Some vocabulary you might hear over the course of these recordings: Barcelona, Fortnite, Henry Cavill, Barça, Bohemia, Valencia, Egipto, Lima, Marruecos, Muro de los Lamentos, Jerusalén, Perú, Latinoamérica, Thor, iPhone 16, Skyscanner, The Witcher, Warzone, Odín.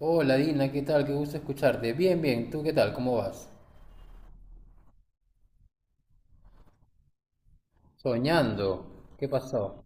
Hola Dina, ¿qué tal? Qué gusto escucharte. Bien, bien, ¿tú qué tal? ¿Cómo vas? Soñando. ¿Qué pasó?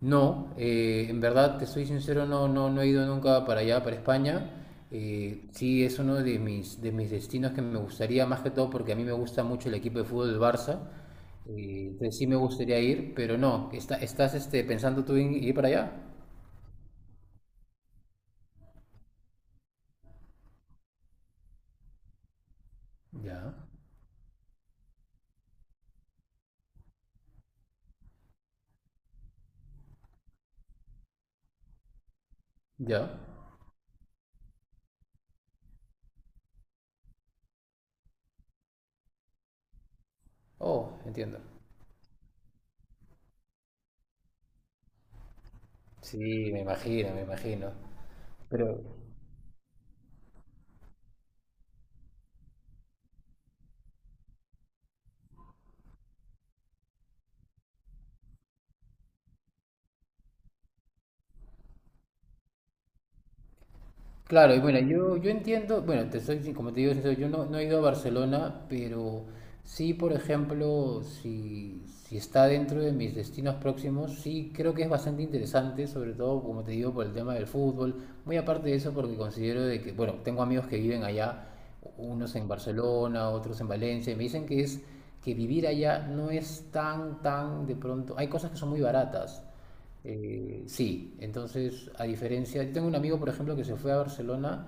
No, en verdad, te soy sincero, no, no, no he ido nunca para allá, para España. Sí, es uno de mis destinos que me gustaría, más que todo porque a mí me gusta mucho el equipo de fútbol del Barça. Entonces sí me gustaría ir, pero no, ¿estás este, pensando tú en ir para allá? Ya, ya. Oh, entiendo. Sí, me imagino, me imagino. Pero, claro, y bueno, yo entiendo, bueno, te soy, como te digo, sincero, yo no, no he ido a Barcelona, pero sí, por ejemplo, si está dentro de mis destinos próximos, sí creo que es bastante interesante, sobre todo, como te digo, por el tema del fútbol. Muy aparte de eso, porque considero de que, bueno, tengo amigos que viven allá, unos en Barcelona, otros en Valencia, y me dicen que es que vivir allá no es tan, tan de pronto, hay cosas que son muy baratas. Sí, entonces, a diferencia, yo tengo un amigo, por ejemplo, que se fue a Barcelona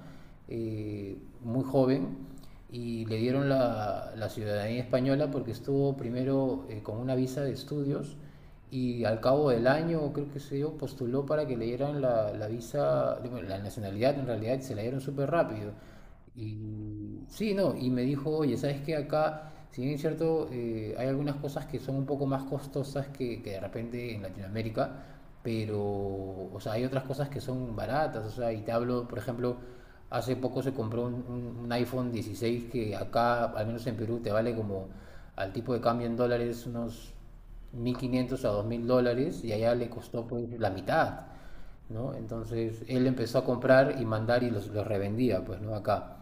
eh, muy joven y le dieron la ciudadanía española porque estuvo primero con una visa de estudios y al cabo del año, creo que se dio, postuló para que le dieran la visa, bueno, la nacionalidad en realidad, y se la dieron súper rápido. Y sí, no, y me dijo, oye, ¿sabes qué? Acá, si bien es cierto, hay algunas cosas que son un poco más costosas que de repente en Latinoamérica, pero, o sea, hay otras cosas que son baratas, o sea, y te hablo, por ejemplo, hace poco se compró un iPhone 16 que acá, al menos en Perú, te vale como al tipo de cambio en dólares unos 1.500 a 2.000 dólares y allá le costó pues la mitad, ¿no? Entonces él empezó a comprar y mandar y los revendía, pues, ¿no? Acá.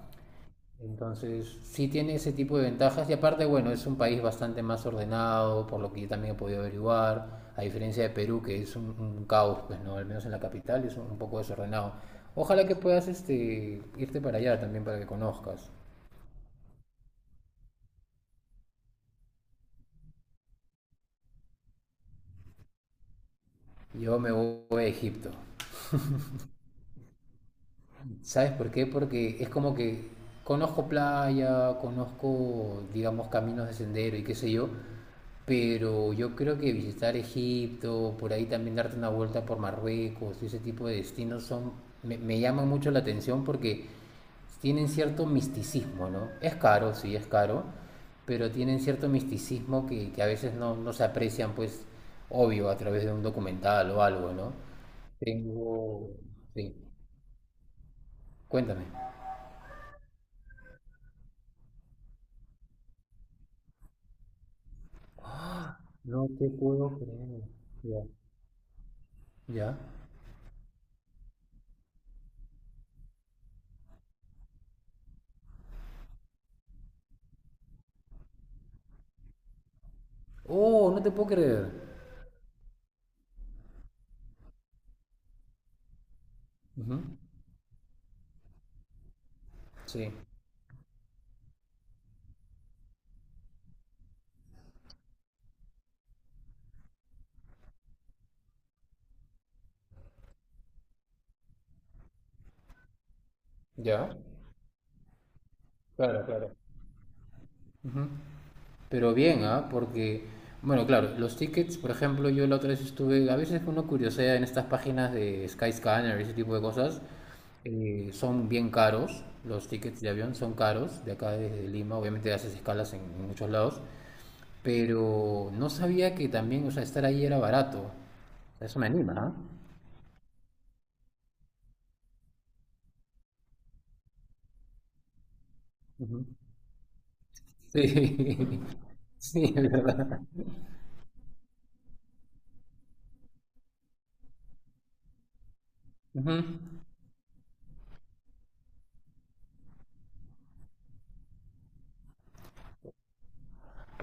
Entonces, sí tiene ese tipo de ventajas y aparte, bueno, es un país bastante más ordenado, por lo que yo también he podido averiguar, a diferencia de Perú, que es un caos, pues no, al menos en la capital es un poco desordenado. Ojalá que puedas este, irte para allá también para que conozcas. Yo me voy a Egipto. ¿Sabes por qué? Porque es como que conozco playa, conozco, digamos, caminos de sendero y qué sé yo, pero yo creo que visitar Egipto, por ahí también darte una vuelta por Marruecos y ese tipo de destinos son, me llaman mucho la atención porque tienen cierto misticismo, ¿no? Es caro, sí, es caro, pero tienen cierto misticismo que a veces no, no se aprecian, pues, obvio, a través de un documental o algo, ¿no? Tengo... Sí, cuéntame. No te puedo creer. Ya. ¿Ya? Oh, no te puedo creer. Ujú. Sí. ¿Ya? Claro, claro. Ujú. Pero bien, ¿ah? Porque, bueno, claro, los tickets, por ejemplo, yo la otra vez estuve, a veces uno curiosea en estas páginas de Skyscanner y ese tipo de cosas, son bien caros, los tickets de avión son caros, de acá desde Lima, obviamente haces escalas en muchos lados, pero no sabía que también, o sea, estar ahí era barato. Eso me anima, ¿ah? Ujú. Sí, sí, es verdad. Ujú.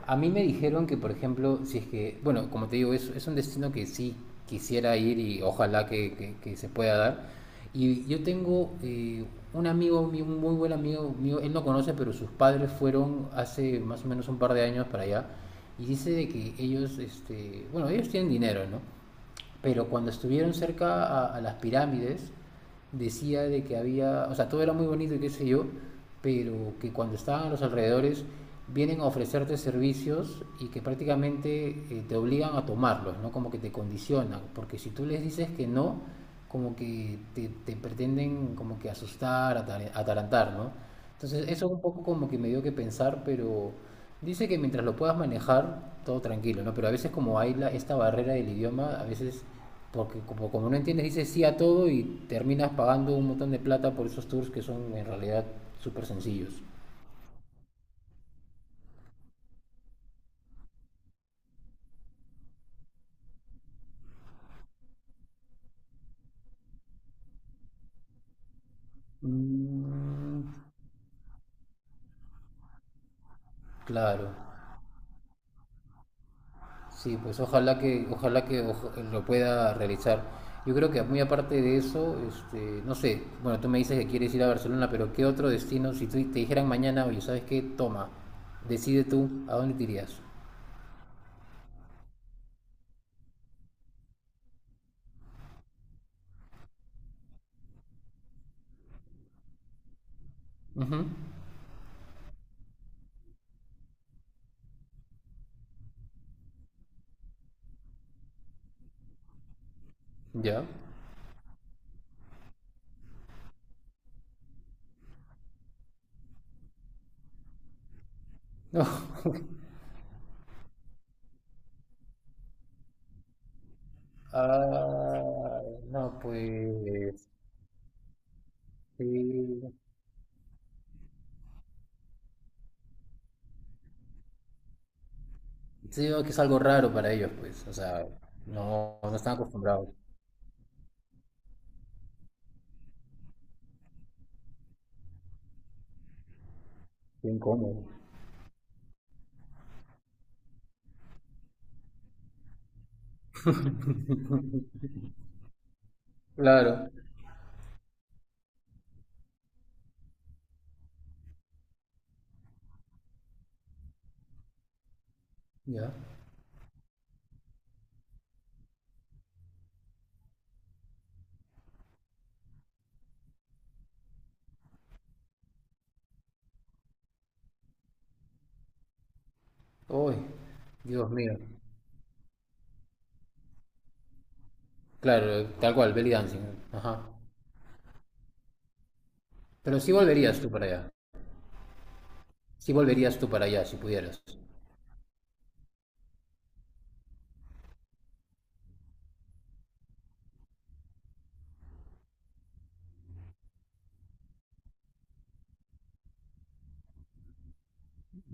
A mí me dijeron que, por ejemplo, si es que, bueno, como te digo, es un destino que sí quisiera ir y ojalá que, que se pueda dar. Y yo tengo un amigo, mío, un muy buen amigo mío, él no conoce, pero sus padres fueron hace más o menos un par de años para allá. Y dice de que ellos, este, bueno, ellos tienen dinero, ¿no? Pero cuando estuvieron cerca a las pirámides, decía de que había, o sea, todo era muy bonito y qué sé yo, pero que cuando estaban a los alrededores vienen a ofrecerte servicios y que prácticamente te obligan a tomarlos, ¿no? Como que te condicionan, porque si tú les dices que no, como que te pretenden como que asustar, atarantar, ¿no? Entonces eso un poco como que me dio que pensar, pero dice que mientras lo puedas manejar, todo tranquilo, ¿no? Pero a veces como hay esta barrera del idioma, a veces, porque como, como no entiendes, dices sí a todo y terminas pagando un montón de plata por esos tours que son en realidad súper sencillos. Mm, claro, sí, pues ojalá que, lo pueda realizar. Yo creo que muy aparte de eso, este, no sé, bueno, tú me dices que quieres ir a Barcelona, pero ¿qué otro destino? Si te dijeran mañana, oye, ¿sabes qué? Toma, decide tú, ¿a dónde te irías? Ujú. Ya. No. Ah, no, pues sí. Sí, veo que es algo raro para ellos, pues. O sea, no, no están acostumbrados. Qué incómodo. Claro. Ya. Uy, Dios mío. Claro, tal cual, belly dancing. Ajá. Pero sí volverías tú para allá. Sí volverías tú para allá si pudieras.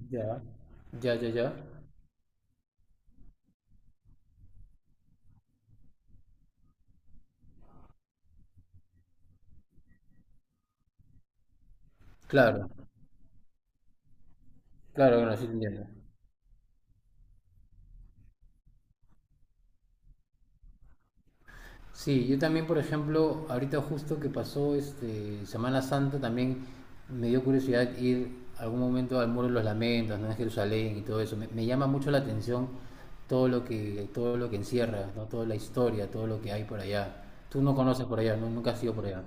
Ya. Ya, ya, ya. Claro. Claro, bueno, sí te entiendo. Sí, yo también, por ejemplo, ahorita justo que pasó este Semana Santa, también me dio curiosidad ir algún momento al Muro de los Lamentos, ¿no? En Jerusalén y todo eso. Me llama mucho la atención todo lo que encierra, ¿no? Toda la historia, todo lo que hay por allá. Tú no conoces por allá, ¿no? Nunca has ido por allá.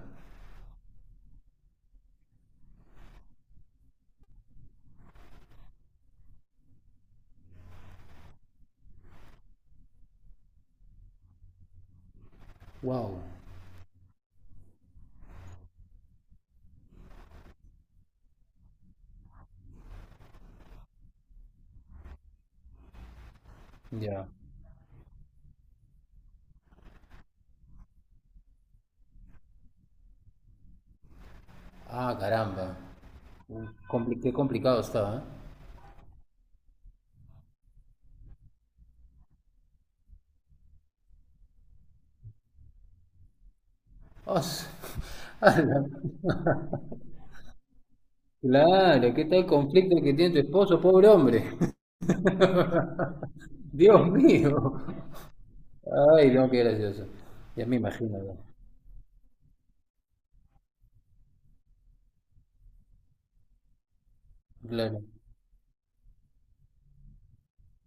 Wow. Ya. Ah, caramba. Uy, qué complicado está, ¿eh? Os- ala. Claro, ¿qué tal el conflicto que tiene tu esposo, pobre hombre? Dios mío. Ay, no, qué gracioso. Ya me imagino, ¿no? Claro.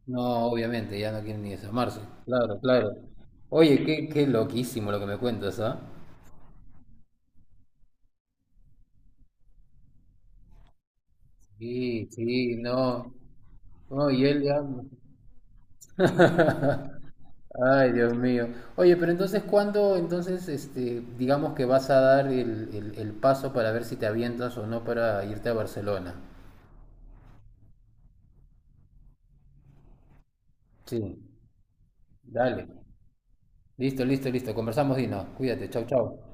No, obviamente, ya no quieren ni asomarse. Claro, claro. Oye, qué, qué loquísimo lo que me cuentas, ¿ah? Sí, sí, no. No, y él ya. Ay, Dios mío. Oye, pero entonces, ¿cuándo, entonces, este, digamos que vas a dar el paso para ver si te avientas o no para irte a Barcelona? Sí, dale. Listo, listo, listo. Conversamos, Dino. Cuídate. Chau, chau.